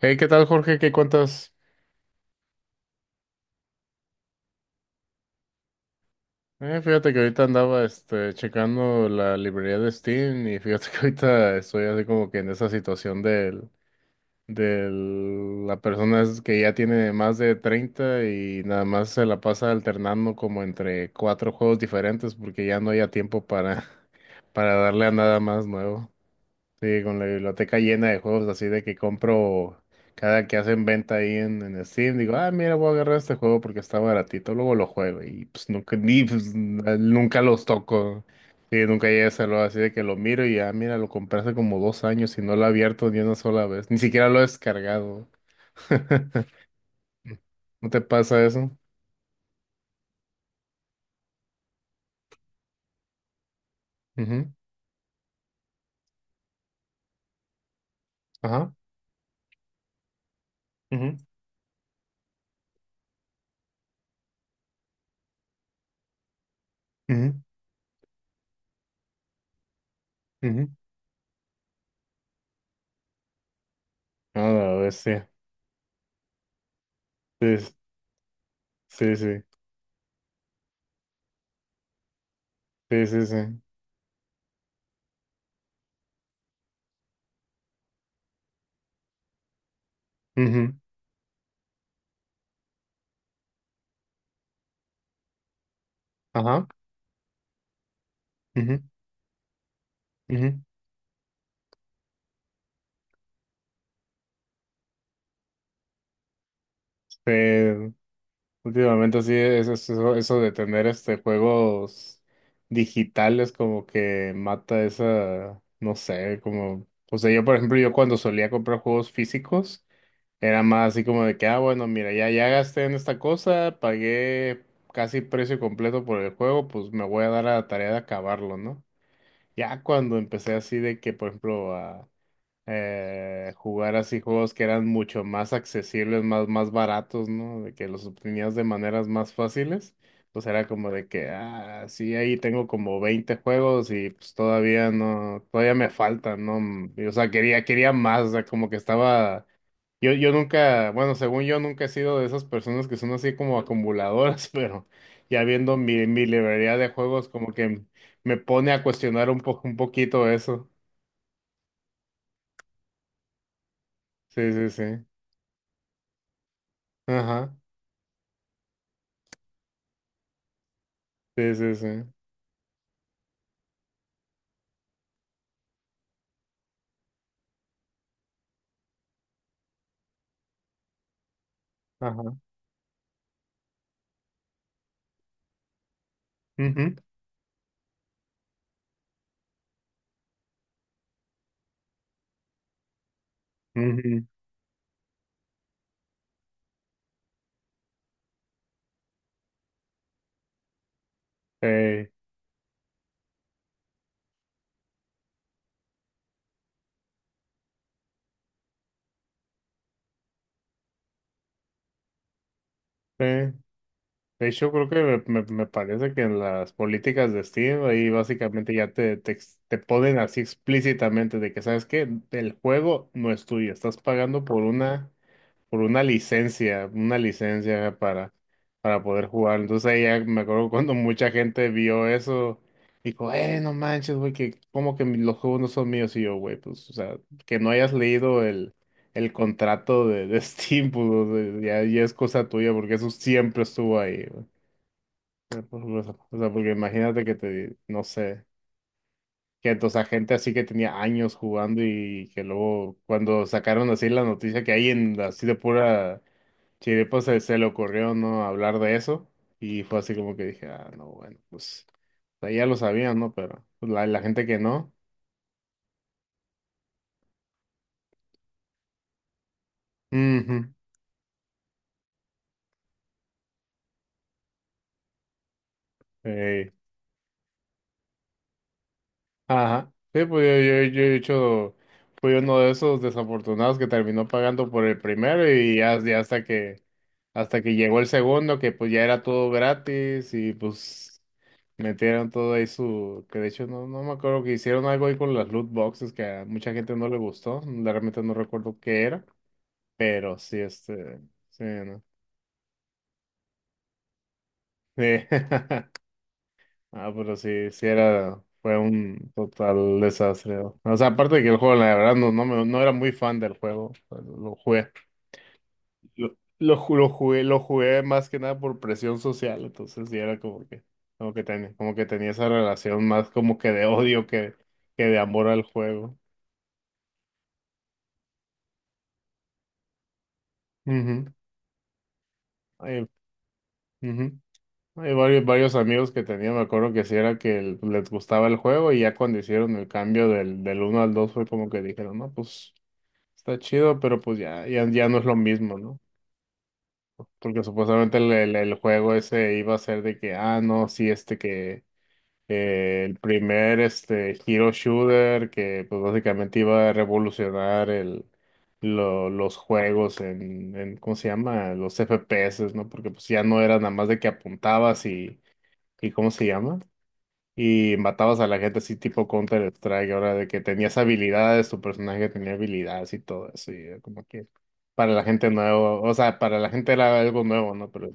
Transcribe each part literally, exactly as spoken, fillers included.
Hey, ¿qué tal, Jorge? ¿Qué cuentas? Eh, fíjate que ahorita andaba este, checando la librería de Steam y fíjate que ahorita estoy así como que en esa situación del, del, la persona es que ya tiene más de treinta y nada más se la pasa alternando como entre cuatro juegos diferentes porque ya no haya tiempo para, para darle a nada más nuevo. Sí, con la biblioteca llena de juegos así de que compro cada que hacen venta ahí en, en Steam, digo, ah, mira, voy a agarrar este juego porque está baratito, luego lo juego y pues nunca, ni, pues, n- nunca los toco. Sí, nunca llegué a hacerlo así de que lo miro y ah, mira, lo compré hace como dos años y no lo he abierto ni una sola vez, ni siquiera lo he descargado. ¿No te pasa eso? Ujú. Ajá. Ujú, ujú, ujú. A la bestia. Sí, sí, sí, sí, sí, sí. Ujú. Ajá. Ujú, ujú. Sí, últimamente sí, es- es- eso, eso de tener este juegos digitales como que mata esa, no sé, como, o sea, yo por ejemplo, yo cuando solía comprar juegos físicos, era más así como de que, ah, bueno, mira, ya, ya gasté en esta cosa, pagué casi precio completo por el juego, pues me voy a dar a la tarea de acabarlo, ¿no? Ya cuando empecé así de que, por ejemplo, a eh, jugar así juegos que eran mucho más accesibles, más, más baratos, ¿no? De que los obtenías de maneras más fáciles, pues era como de que, ah, sí, ahí tengo como veinte juegos y pues todavía no, todavía me faltan, ¿no? Mm, Y, o sea, quería, quería más, o sea, como que estaba, yo, yo nunca, bueno, según yo nunca he sido de esas personas que son así como acumuladoras, pero ya viendo mi, mi librería de juegos, como que me pone a cuestionar un poco, un poquito eso. Sí, sí, sí. Sí, sí, sí. Ajá. Ujú, ujú. Eh, eh. De hecho, creo que me, me- me parece que en las políticas de Steam ahí básicamente ya te, te, ex- te ponen así explícitamente de que, ¿sabes qué? El juego no es tuyo, estás pagando por una por una licencia, una licencia para, para poder jugar. Entonces ahí ya me acuerdo cuando mucha gente vio eso, dijo, eh, no manches, güey, que como que mi- los juegos no son míos y yo, güey, pues, o sea, que no hayas leído el, el contrato de, de Steam, pues, o sea, ya, ya es cosa tuya, porque eso siempre estuvo ahí, güey. Pero, pues, o sea, o sea, porque imagínate que te, no sé, que entonces a gente así que tenía años jugando y que luego cuando sacaron así la noticia que hay en así de pura. Sí, después se, se le ocurrió no hablar de eso y fue así como que dije, ah, no, bueno, pues o sea, ya lo sabían, ¿no? Pero pues, la, la gente que no. Ujú. Eh. Ajá. Sí, pues yo, yo, yo he hecho, fui uno de esos desafortunados que terminó pagando por el primero y ya, ya hasta que, hasta que llegó el segundo, que pues ya era todo gratis y pues metieron todo ahí su, que de hecho no, no me acuerdo que hicieron algo ahí con las loot boxes que a mucha gente no le gustó, realmente no recuerdo qué era. Pero sí, este, sí, ¿no? Sí. Ah, pero sí, sí era, fue un total desastre. O O sea, aparte de que el juego, la verdad, no, no, me- no era muy fan del juego. O sea, lo jugué, lo, lo, ju- lo jugué, lo jugué más que nada por presión social, entonces sí era como que, como que tenía, como que tenía esa relación más como que de odio que, que de amor al juego. Ujú. Ay, ujú. Hay varios, varios amigos que tenía, me acuerdo que sí era que el- les gustaba el juego y ya cuando hicieron el cambio del, del uno al dos fue como que dijeron, no, pues está chido, pero pues ya, ya, ya no es lo mismo, ¿no? Porque supuestamente el, el- el juego ese iba a ser de que, ah, no, sí, este que eh, el primer este hero shooter que pues básicamente iba a revolucionar el, lo- los juegos en, en, ¿cómo se llama? Los F P S, ¿no? Porque pues ya no era nada más de que apuntabas y... ¿Y cómo se llama? Y matabas a la gente así tipo Counter-Strike, ahora de que tenías habilidades, tu personaje tenía habilidades y todo eso, y era como que para la gente nuevo, o sea, para la gente era algo nuevo, ¿no? Pero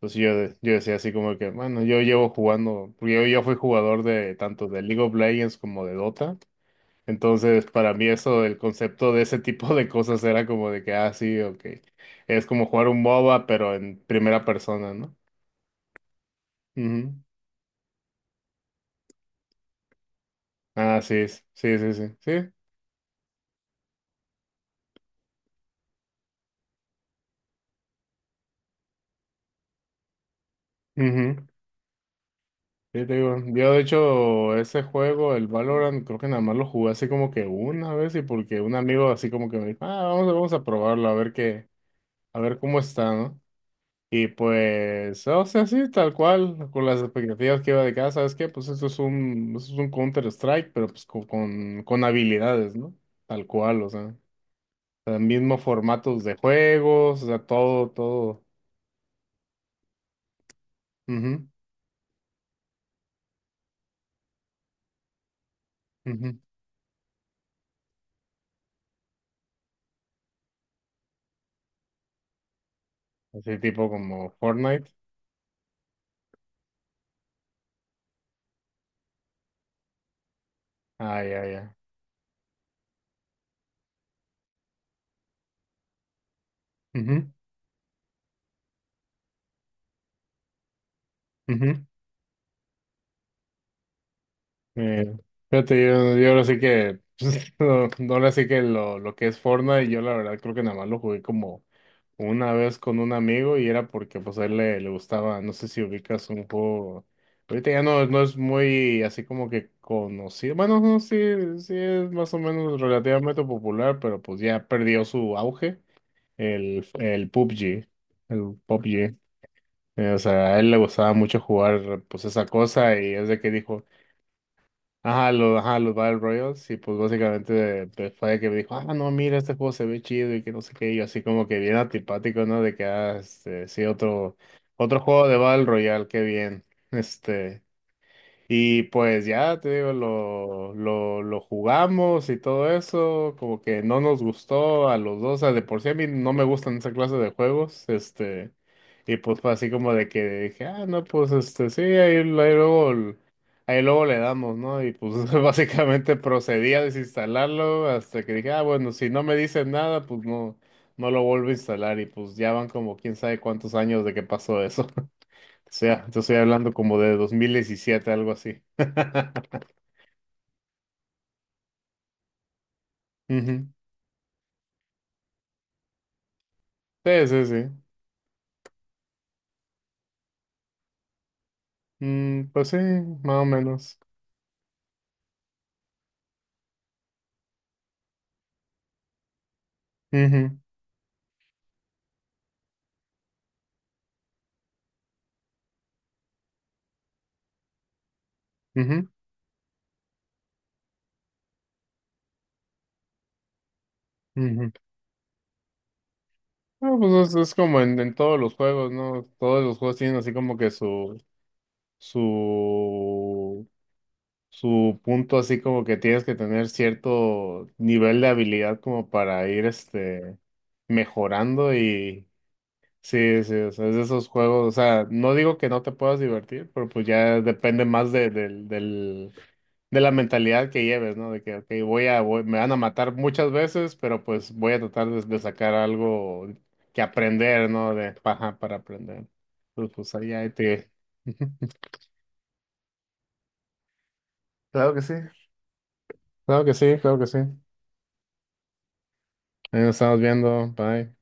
pues yo, de- yo decía así como que, bueno, yo llevo jugando, porque yo, yo fui jugador de tanto de League of Legends como de Dota, entonces para mí eso, el concepto de ese tipo de cosas era como de que, ah, sí, ok, es como jugar un MOBA, pero en primera persona, ¿no? Ujú. Ah, sí, sí, sí, sí, sí. Ujú. Sí, te digo, yo de hecho ese juego, el Valorant, creo que nada más lo jugué así como que una vez y porque un amigo así como que me dijo, ah, vamos, a- vamos a probarlo, a ver qué, a ver cómo está, ¿no? Y pues, o sea, sí, tal cual, con las expectativas que iba de casa, ¿sabes qué? Pues esto es un, esto es un Counter-Strike, pero pues con, con, con habilidades, ¿no? Tal cual, o sea, los mismos formatos de juegos, o sea, todo, todo. Ujú, ujú. Así tipo como Fortnite. Ah, ya, ya. Ujú, ujú. Eh, Fíjate, yo, yo ahora sí que, no, no, ahora sí que lo, lo que es Fortnite, yo la verdad creo que nada más lo jugué como una vez con un amigo y era porque pues a él le, le gustaba, no sé si ubicas un juego, ahorita ya no, no es muy así como que conocido, bueno, no, sí, sí es más o menos relativamente popular, pero pues ya perdió su auge, el, el P U B G, el P U B G. Eh, O sea, a él le gustaba mucho jugar pues esa cosa y es de que dijo, ajá, los, ajá, los Battle Royals, y pues básicamente de- de- fue de que me dijo, ah, no, mira, este juego se ve chido y que no sé qué, y yo así como que bien antipático, ¿no? De que, ah, este, sí, otro, otro juego de Battle Royale, qué bien, este, y pues ya, te digo, lo, lo, lo jugamos y todo eso, como que no nos gustó a los dos, o sea, de por sí a mí no me gustan esa clase de juegos, este, y pues fue así como de que dije, ah, no, pues este, sí, ahí, ahí luego, l- ahí luego le damos, ¿no? Y pues básicamente procedí a desinstalarlo hasta que dije, ah, bueno, si no me dicen nada, pues no, no lo vuelvo a instalar y pues ya van como quién sabe cuántos años de que pasó eso. O sea, te estoy hablando como de dos mil diecisiete algo así. Ujú. Sí, sí, sí. Mm, pues sí, más o menos. Ujú, ujú, ujú. Ah, pues es, es como en, en todos los juegos, ¿no? Todos los juegos tienen así como que su, su, su punto, así como que tienes que tener cierto nivel de habilidad como para ir, este, mejorando y sí, sí, o sea, es de esos juegos, o sea, no digo que no te puedas divertir, pero pues ya depende más de, del, del- de la mentalidad que lleves, ¿no? De que, ok, voy a, voy- me van a matar muchas veces, pero pues voy a tratar de, de sacar algo que aprender, ¿no? De paja para aprender. Pues, pues ahí, ahí te... Claro que sí. Claro que sí, claro que sí. Ahí nos estamos viendo, bye.